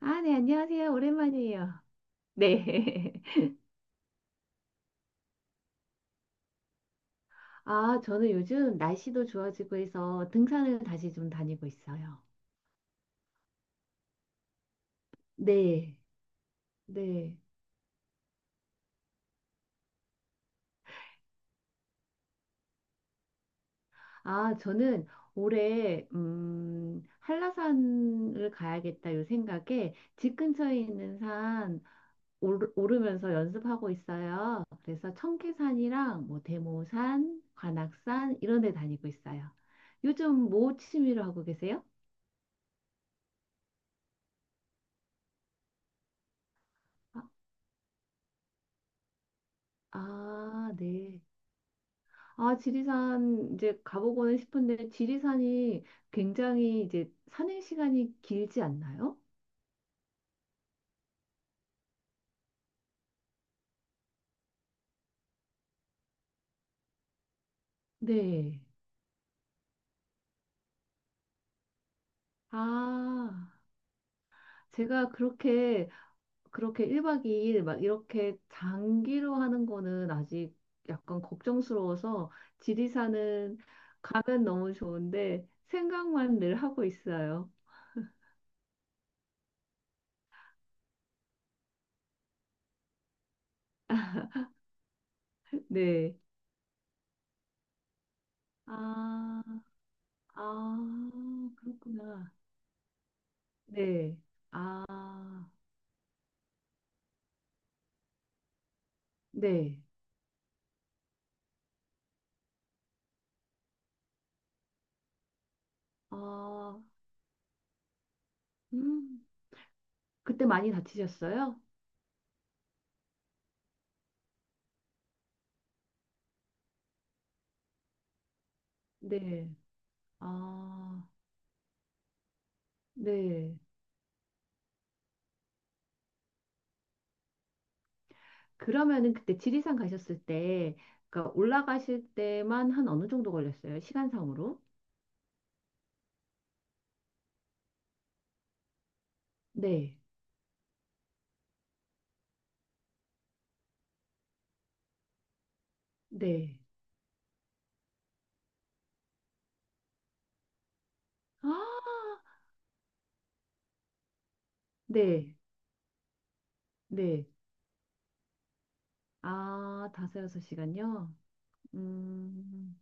아, 네, 안녕하세요. 오랜만이에요. 네. 아, 저는 요즘 날씨도 좋아지고 해서 등산을 다시 좀 다니고 있어요. 네. 네. 아, 저는 올해, 한라산을 가야겠다 요 생각에 집 근처에 있는 산 오르면서 연습하고 있어요. 그래서 청계산이랑 뭐 대모산, 관악산 이런 데 다니고 있어요. 요즘 뭐 취미로 하고 계세요? 아, 아, 네. 아, 지리산 이제 가보고는 싶은데 지리산이 굉장히 이제 산행 시간이 길지 않나요? 네. 아, 제가 그렇게 1박 2일 막 이렇게 장기로 하는 거는 아직 약간 걱정스러워서 지리산은 가면 너무 좋은데 생각만 늘 하고 있어요. 네. 아, 아, 그렇구나. 네. 아, 네. 아, 음, 그때 많이 다치셨어요? 네. 아, 네. 그러면은 그때 지리산 가셨을 때, 그러니까 올라가실 때만 한 어느 정도 걸렸어요? 시간상으로? 네. 네. 아, 네. 네. 아, 다섯, 여섯 시간요? 음,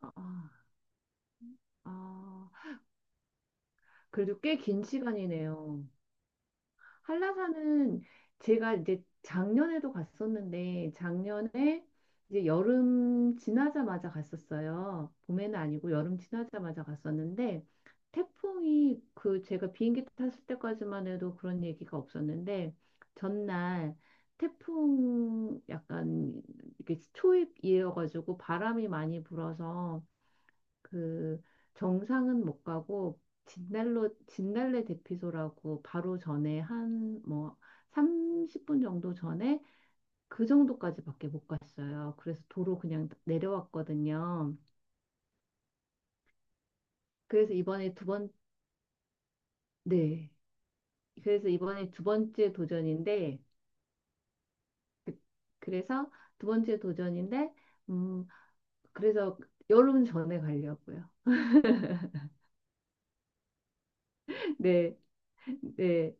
아, 아, 그래도 꽤 긴 시간이네요. 한라산은 제가 이제 작년에도 갔었는데 작년에 이제 여름 지나자마자 갔었어요. 봄에는 아니고 여름 지나자마자 갔었는데 태풍이 그 제가 비행기 탔을 때까지만 해도 그런 얘기가 없었는데 전날 태풍 약간 이렇게 초입이어가지고 바람이 많이 불어서 그 정상은 못 가고 진달로 진달래 대피소라고 바로 전에 한 뭐 30분 정도 전에 그 정도까지밖에 못 갔어요. 그래서 도로 그냥 내려왔거든요. 그래서 이번에 두 번, 네. 그래서 이번에 두 번째 도전인데 그, 그래서 두 번째 도전인데 음 그래서 여름 전에 가려고요. 네. 네.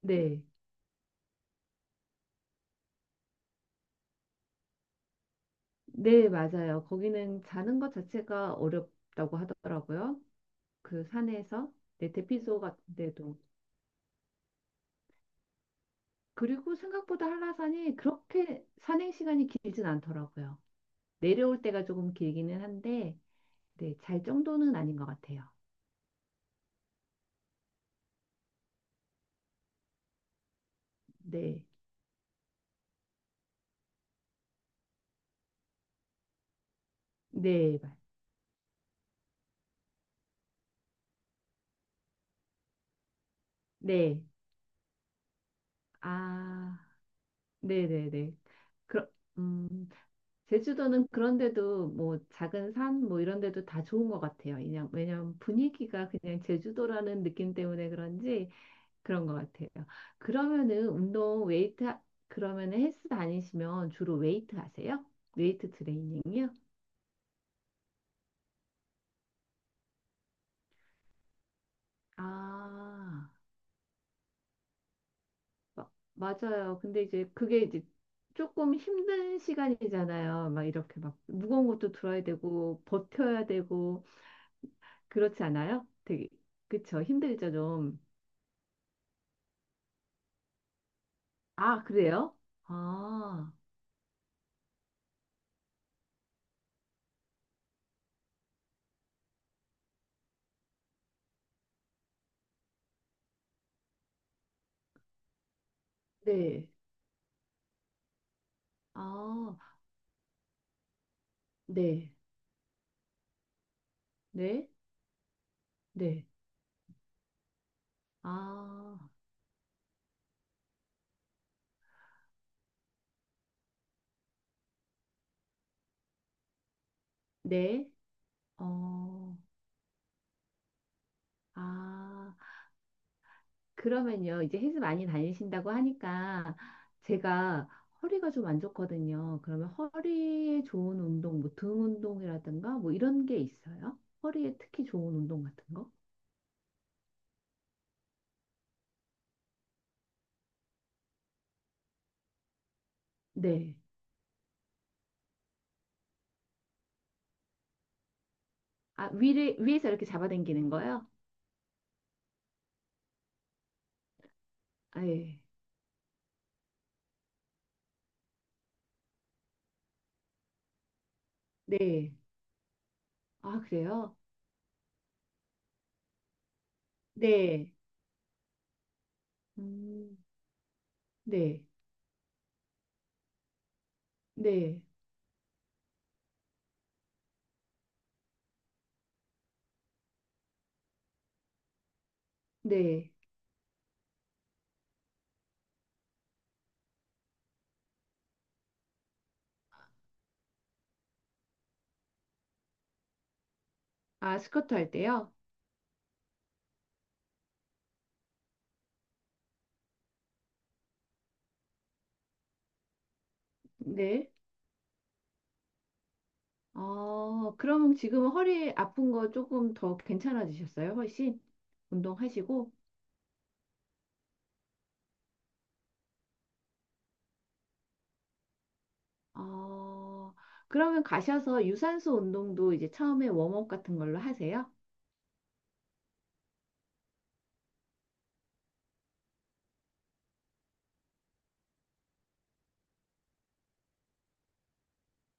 네. 네, 맞아요. 거기는 자는 것 자체가 어렵다고 하더라고요. 그 산에서. 네, 대피소 같은데도. 그리고 생각보다 한라산이 그렇게 산행 시간이 길진 않더라고요. 내려올 때가 조금 길기는 한데, 네, 잘 정도는 아닌 것 같아요. 네, 네, 맞- 네. 아, 네네네. 그 음, 제주도는 그런데도 뭐 작은 산 뭐 이런 데도 다 좋은 것 같아요. 그냥, 왜냐면 분위기가 그냥 제주도라는 느낌 때문에 그런지 그런 것 같아요. 그러면은 운동 웨이트 하- 그러면은 헬스 다니시면 주로 웨이트 하세요? 웨이트 트레이닝이요? 아, 맞아요. 근데 이제 그게 이제 조금 힘든 시간이잖아요. 막 이렇게 막 무거운 것도 들어야 되고 버텨야 되고 그렇지 않아요? 되게 그쵸 힘들죠 좀. 아, 그래요? 아, 네. 아, 네. 네. 네. 아, 네. 어. 아, 그러면요. 이제 헬스 많이 다니신다고 하니까 제가 허리가 좀 안 좋거든요. 그러면 허리에 좋은 운동, 뭐 등 운동이라든가 뭐 이런 게 있어요? 허리에 특히 좋은 운동 같은 거? 네. 아, 위에서 이렇게 잡아당기는 거요? 아, 예. 네. 아, 그래요? 네. 음, 네. 네. 네. 아, 스쿼트 할 때요? 네. 어, 그럼 지금 허리 아픈 거 조금 더 괜찮아지셨어요? 훨씬? 운동하시고? 어, 그러면 가셔서 유산소 운동도 이제 처음에 웜업 같은 걸로 하세요?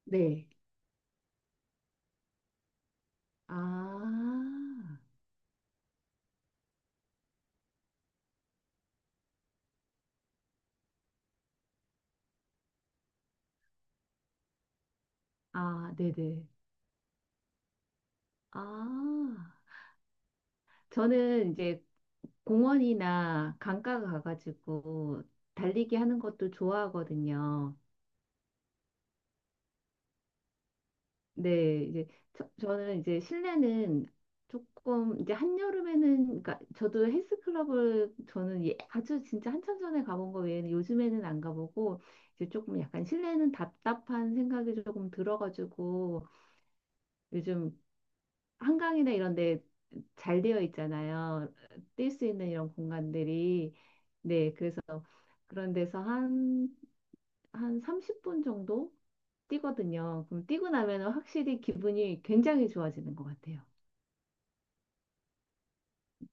네. 아, 아, 네네. 아, 저는 이제 공원이나 강가 가가지고 달리기 하는 것도 좋아하거든요. 네, 이제 저는 이제 실내는 조금 이제 한여름에는 그러니까 저도 헬스클럽을 저는 예, 아주 진짜 한참 전에 가본 거 외에는 요즘에는 안 가보고 이제 조금 약간 실내는 답답한 생각이 조금 들어가지고 요즘 한강이나 이런 데 잘 되어 있잖아요. 뛸 수 있는 이런 공간들이. 네, 그래서 그런 데서 한 30분 정도 뛰거든요. 그럼 뛰고 나면은 확실히 기분이 굉장히 좋아지는 것 같아요.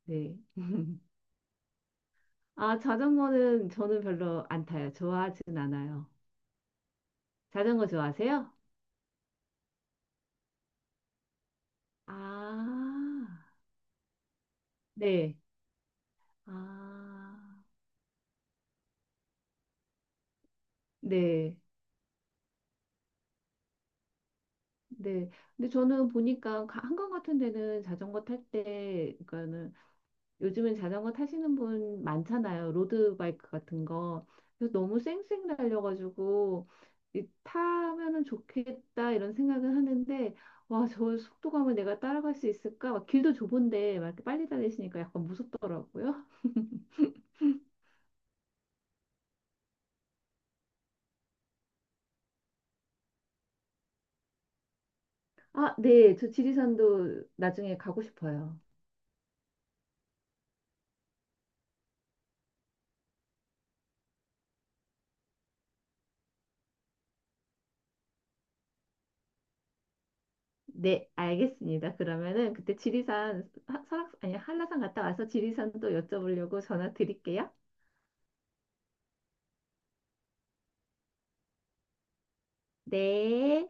네. 아, 자전거는 저는 별로 안 타요. 좋아하진 않아요. 자전거 좋아하세요? 아, 네. 아, 네. 네. 근데 저는 보니까 한강 같은 데는 자전거 탈 때, 그러니까는 요즘은 자전거 타시는 분 많잖아요. 로드바이크 같은 거. 그래서 너무 쌩쌩 달려가지고 이, 타면은 좋겠다 이런 생각은 하는데 와, 저 속도감을 내가 따라갈 수 있을까? 막 길도 좁은데 막 이렇게 빨리 달리시니까 약간 무섭더라고요. 아, 네. 저 지리산도 나중에 가고 싶어요. 네, 알겠습니다. 그러면은 그때 지리산 설악 아니 한라산 갔다 와서 지리산 또 여쭤보려고 전화 드릴게요. 네.